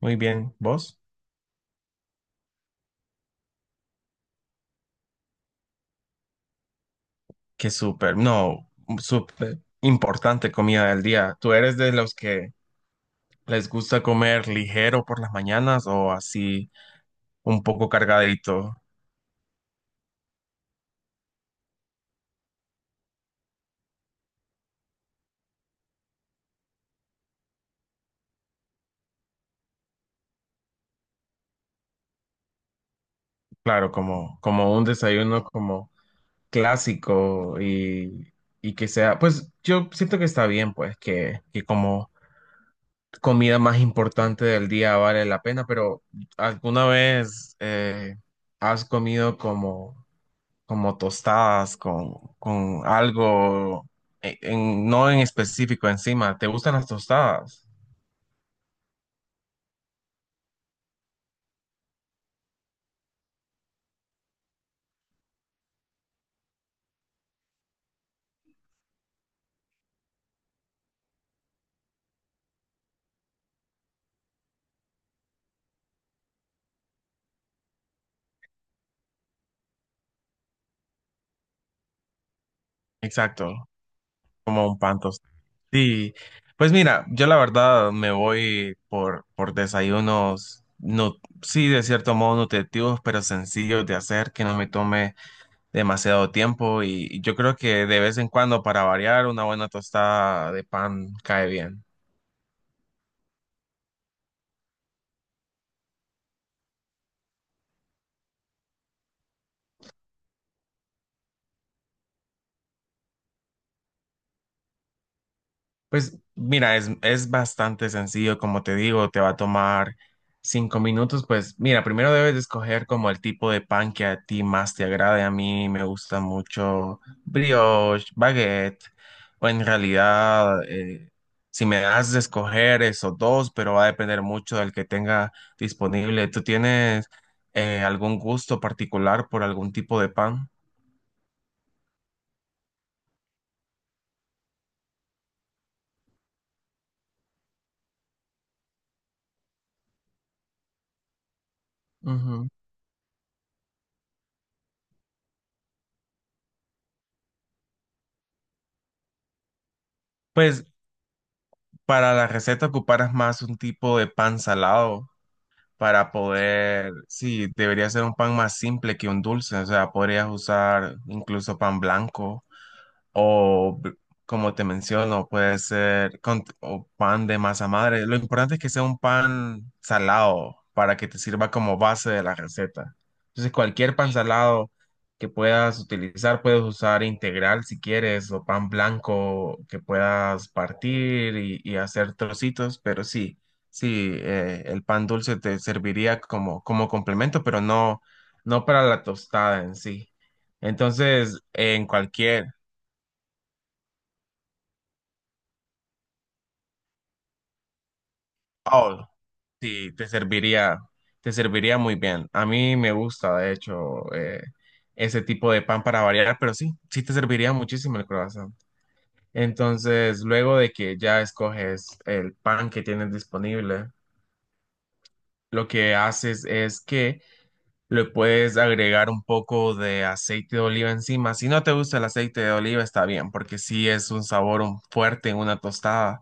Muy bien, ¿vos? Qué súper, no, súper importante comida del día. ¿Tú eres de los que les gusta comer ligero por las mañanas o así un poco cargadito? Claro, como un desayuno como clásico y que sea, pues yo siento que está bien, pues que como comida más importante del día vale la pena, pero ¿alguna vez has comido como... como tostadas con algo no en específico encima? ¿Te gustan las tostadas? Exacto, como un pan tostado. Sí, pues mira, yo la verdad me voy por desayunos, no, sí, de cierto modo nutritivos, pero sencillos de hacer, que no me tome demasiado tiempo y yo creo que de vez en cuando para variar una buena tostada de pan cae bien. Pues mira, es bastante sencillo, como te digo, te va a tomar 5 minutos. Pues mira, primero debes de escoger como el tipo de pan que a ti más te agrade. A mí me gusta mucho brioche, baguette, o en realidad, si me das de escoger esos dos, pero va a depender mucho del que tenga disponible. ¿Tú tienes algún gusto particular por algún tipo de pan? Ujú. Pues para la receta ocuparás más un tipo de pan salado. Para poder, sí, debería ser un pan más simple que un dulce, o sea, podrías usar incluso pan blanco o b- como te menciono, puede ser con, o pan de masa madre. Lo importante es que sea un pan salado para que te sirva como base de la receta. Entonces, cualquier pan salado que puedas utilizar, puedes usar integral si quieres, o pan blanco que puedas partir y hacer trocitos, pero sí. Sí, el pan dulce te serviría como, como complemento, pero no, no para la tostada en sí. Entonces, en cualquier, Oh, sí, te serviría muy bien. A mí me gusta, de hecho, ese tipo de pan para variar, pero sí, sí te serviría muchísimo el croissant. Entonces, luego de que ya escoges el pan que tienes disponible, lo que haces es que le puedes agregar un poco de aceite de oliva encima. Si no te gusta el aceite de oliva, está bien, porque sí es un sabor fuerte en una tostada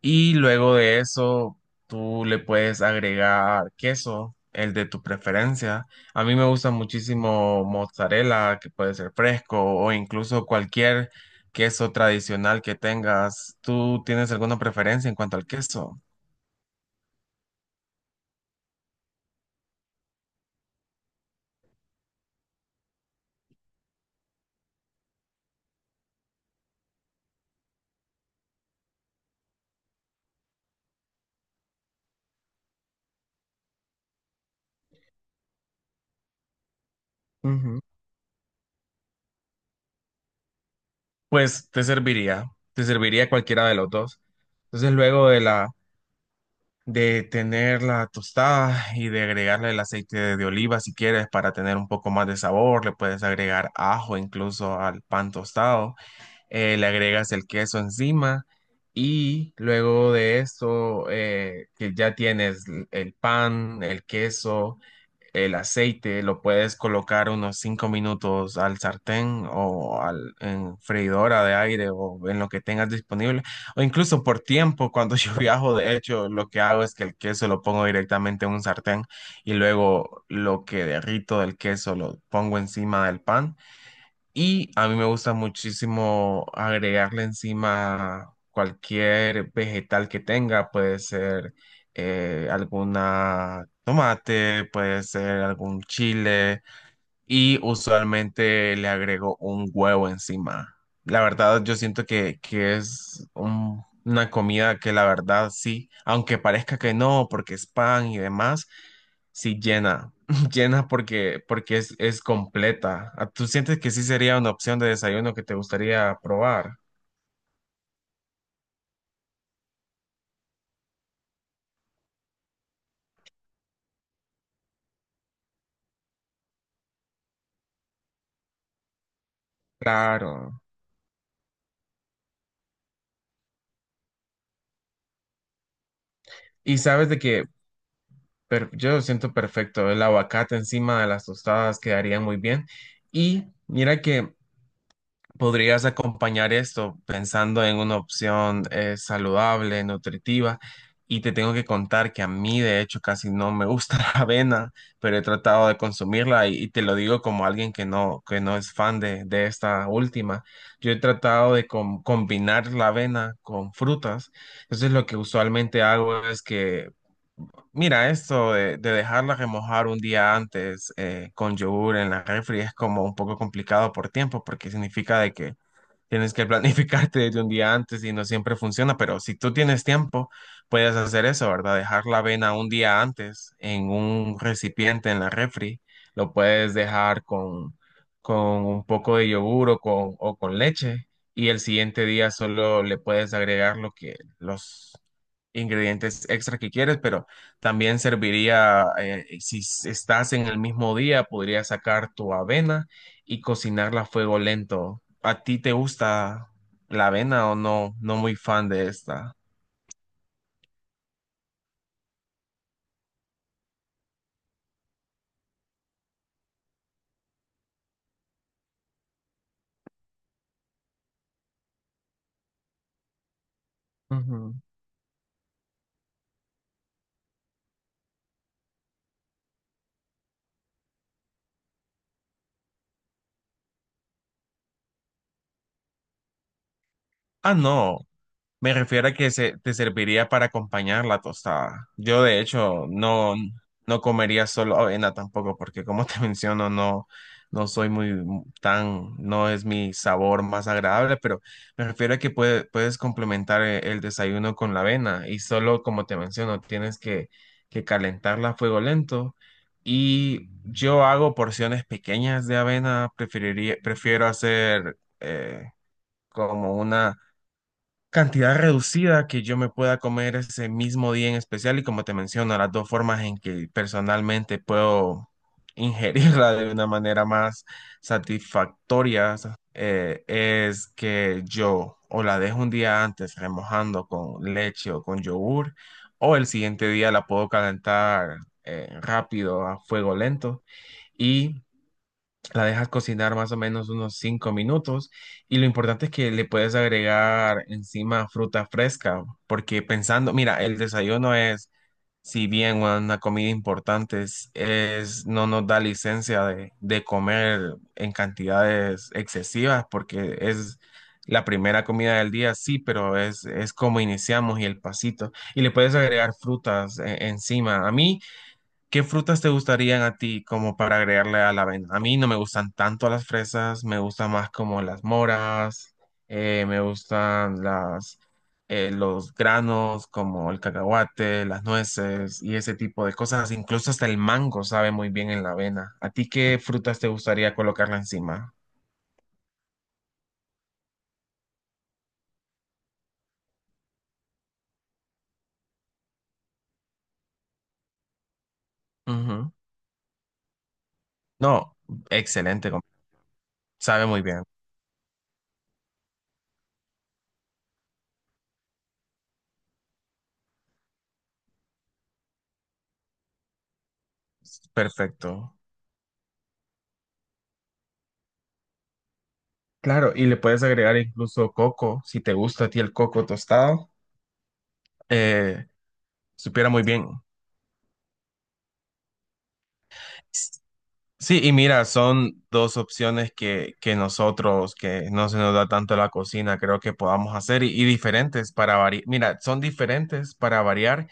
y luego de eso, tú le puedes agregar queso, el de tu preferencia. A mí me gusta muchísimo mozzarella, que puede ser fresco o incluso cualquier queso tradicional que tengas. ¿Tú tienes alguna preferencia en cuanto al queso? Ujú. Pues te serviría cualquiera de los dos. Entonces, luego de la de tener la tostada y de agregarle el aceite de oliva si quieres para tener un poco más de sabor, le puedes agregar ajo incluso al pan tostado. Le agregas el queso encima y luego de esto que ya tienes el pan, el queso. El aceite lo puedes colocar unos 5 minutos al sartén o al, en freidora de aire o en lo que tengas disponible. O incluso por tiempo, cuando yo viajo, de hecho, lo que hago es que el queso lo pongo directamente en un sartén y luego lo que derrito del queso lo pongo encima del pan y a mí me gusta muchísimo agregarle encima cualquier vegetal que tenga, puede ser alguna tomate, puede ser algún chile y usualmente le agrego un huevo encima. La verdad, yo siento que es una comida que la verdad sí, aunque parezca que no, porque es pan y demás, sí llena, llena porque es completa. Ah, ¿tú sientes que sí sería una opción de desayuno que te gustaría probar? Claro. Y sabes de que yo lo siento perfecto, el aguacate encima de las tostadas quedaría muy bien. Y mira que podrías acompañar esto pensando en una opción saludable, nutritiva. Y te tengo que contar que a mí, de hecho, casi no me gusta la avena, pero he tratado de consumirla y te lo digo como alguien que no es fan de esta última. Yo he tratado de combinar la avena con frutas. Entonces, lo que usualmente hago es que mira, esto de dejarla remojar un día antes con yogur en la refri es como un poco complicado por tiempo, porque significa de que tienes que planificarte desde un día antes y no siempre funciona, pero si tú tienes tiempo, puedes hacer eso, ¿verdad? Dejar la avena un día antes en un recipiente en la refri. Lo puedes dejar con un poco de yogur o con leche y el siguiente día solo le puedes agregar lo que los ingredientes extra que quieres, pero también serviría, si estás en el mismo día, podrías sacar tu avena y cocinarla a fuego lento. ¿A ti te gusta la avena o no? No muy fan de esta. Ujú. Ah, no. Me refiero a que se, te serviría para acompañar la tostada. Yo, de hecho, no, no comería solo avena tampoco, porque como te menciono, no, no soy muy tan, no es mi sabor más agradable, pero me refiero a que puedes complementar desayuno con la avena y solo, como te menciono, tienes que calentarla a fuego lento. Y yo hago porciones pequeñas de avena, preferiría, prefiero hacer como una cantidad reducida que yo me pueda comer ese mismo día en especial y como te menciono, las dos formas en que personalmente puedo ingerirla de una manera más satisfactoria es que yo o la dejo un día antes remojando con leche o con yogur o el siguiente día la puedo calentar rápido a fuego lento y la dejas cocinar más o menos unos 5 minutos y lo importante es que le puedes agregar encima fruta fresca, porque pensando, mira, el desayuno es, si bien una comida importante, es, no nos da licencia de comer en cantidades excesivas, porque es la primera comida del día, sí, pero es como iniciamos y el pasito. Y le puedes agregar frutas encima. A mí, ¿qué frutas te gustarían a ti como para agregarle a la avena? A mí no me gustan tanto las fresas, me gustan más como las moras, me gustan las, los granos como el cacahuate, las nueces y ese tipo de cosas. Incluso hasta el mango sabe muy bien en la avena. ¿A ti qué frutas te gustaría colocarla encima? Ujú. No, excelente, sabe muy bien. Perfecto. Claro, y le puedes agregar incluso coco, si te gusta a ti el coco tostado. Supiera muy bien. Sí, y mira, son dos opciones que nosotros, que no se nos da tanto la cocina, creo que podamos hacer y diferentes para variar. Mira, son diferentes para variar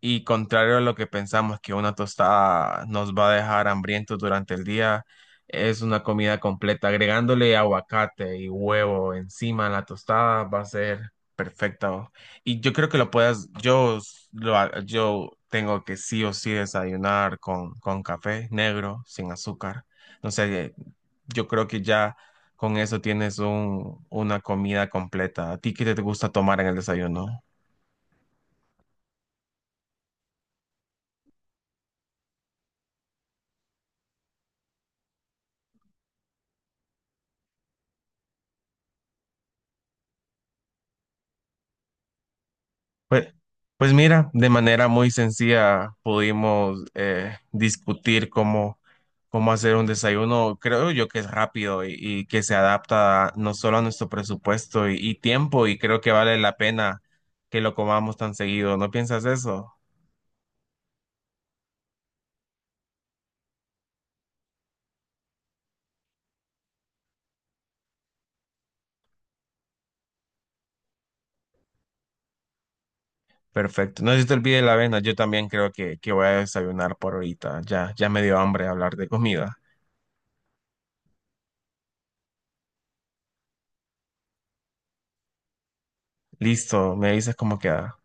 y contrario a lo que pensamos que una tostada nos va a dejar hambrientos durante el día, es una comida completa. Agregándole aguacate y huevo encima a la tostada va a ser perfecto. Y yo creo que lo puedas, yo, yo tengo que sí o sí desayunar con café negro, sin azúcar. No sé, yo creo que ya con eso tienes un, una comida completa. ¿A ti qué te gusta tomar en el desayuno? Pues, pues mira, de manera muy sencilla pudimos discutir cómo, cómo hacer un desayuno, creo yo que es rápido y que se adapta no solo a nuestro presupuesto y tiempo, y creo que vale la pena que lo comamos tan seguido. ¿No piensas eso? Perfecto. No se te olvide la avena, yo también creo que voy a desayunar por ahorita. Ya, ya me dio hambre hablar de comida. Listo, me dices cómo queda.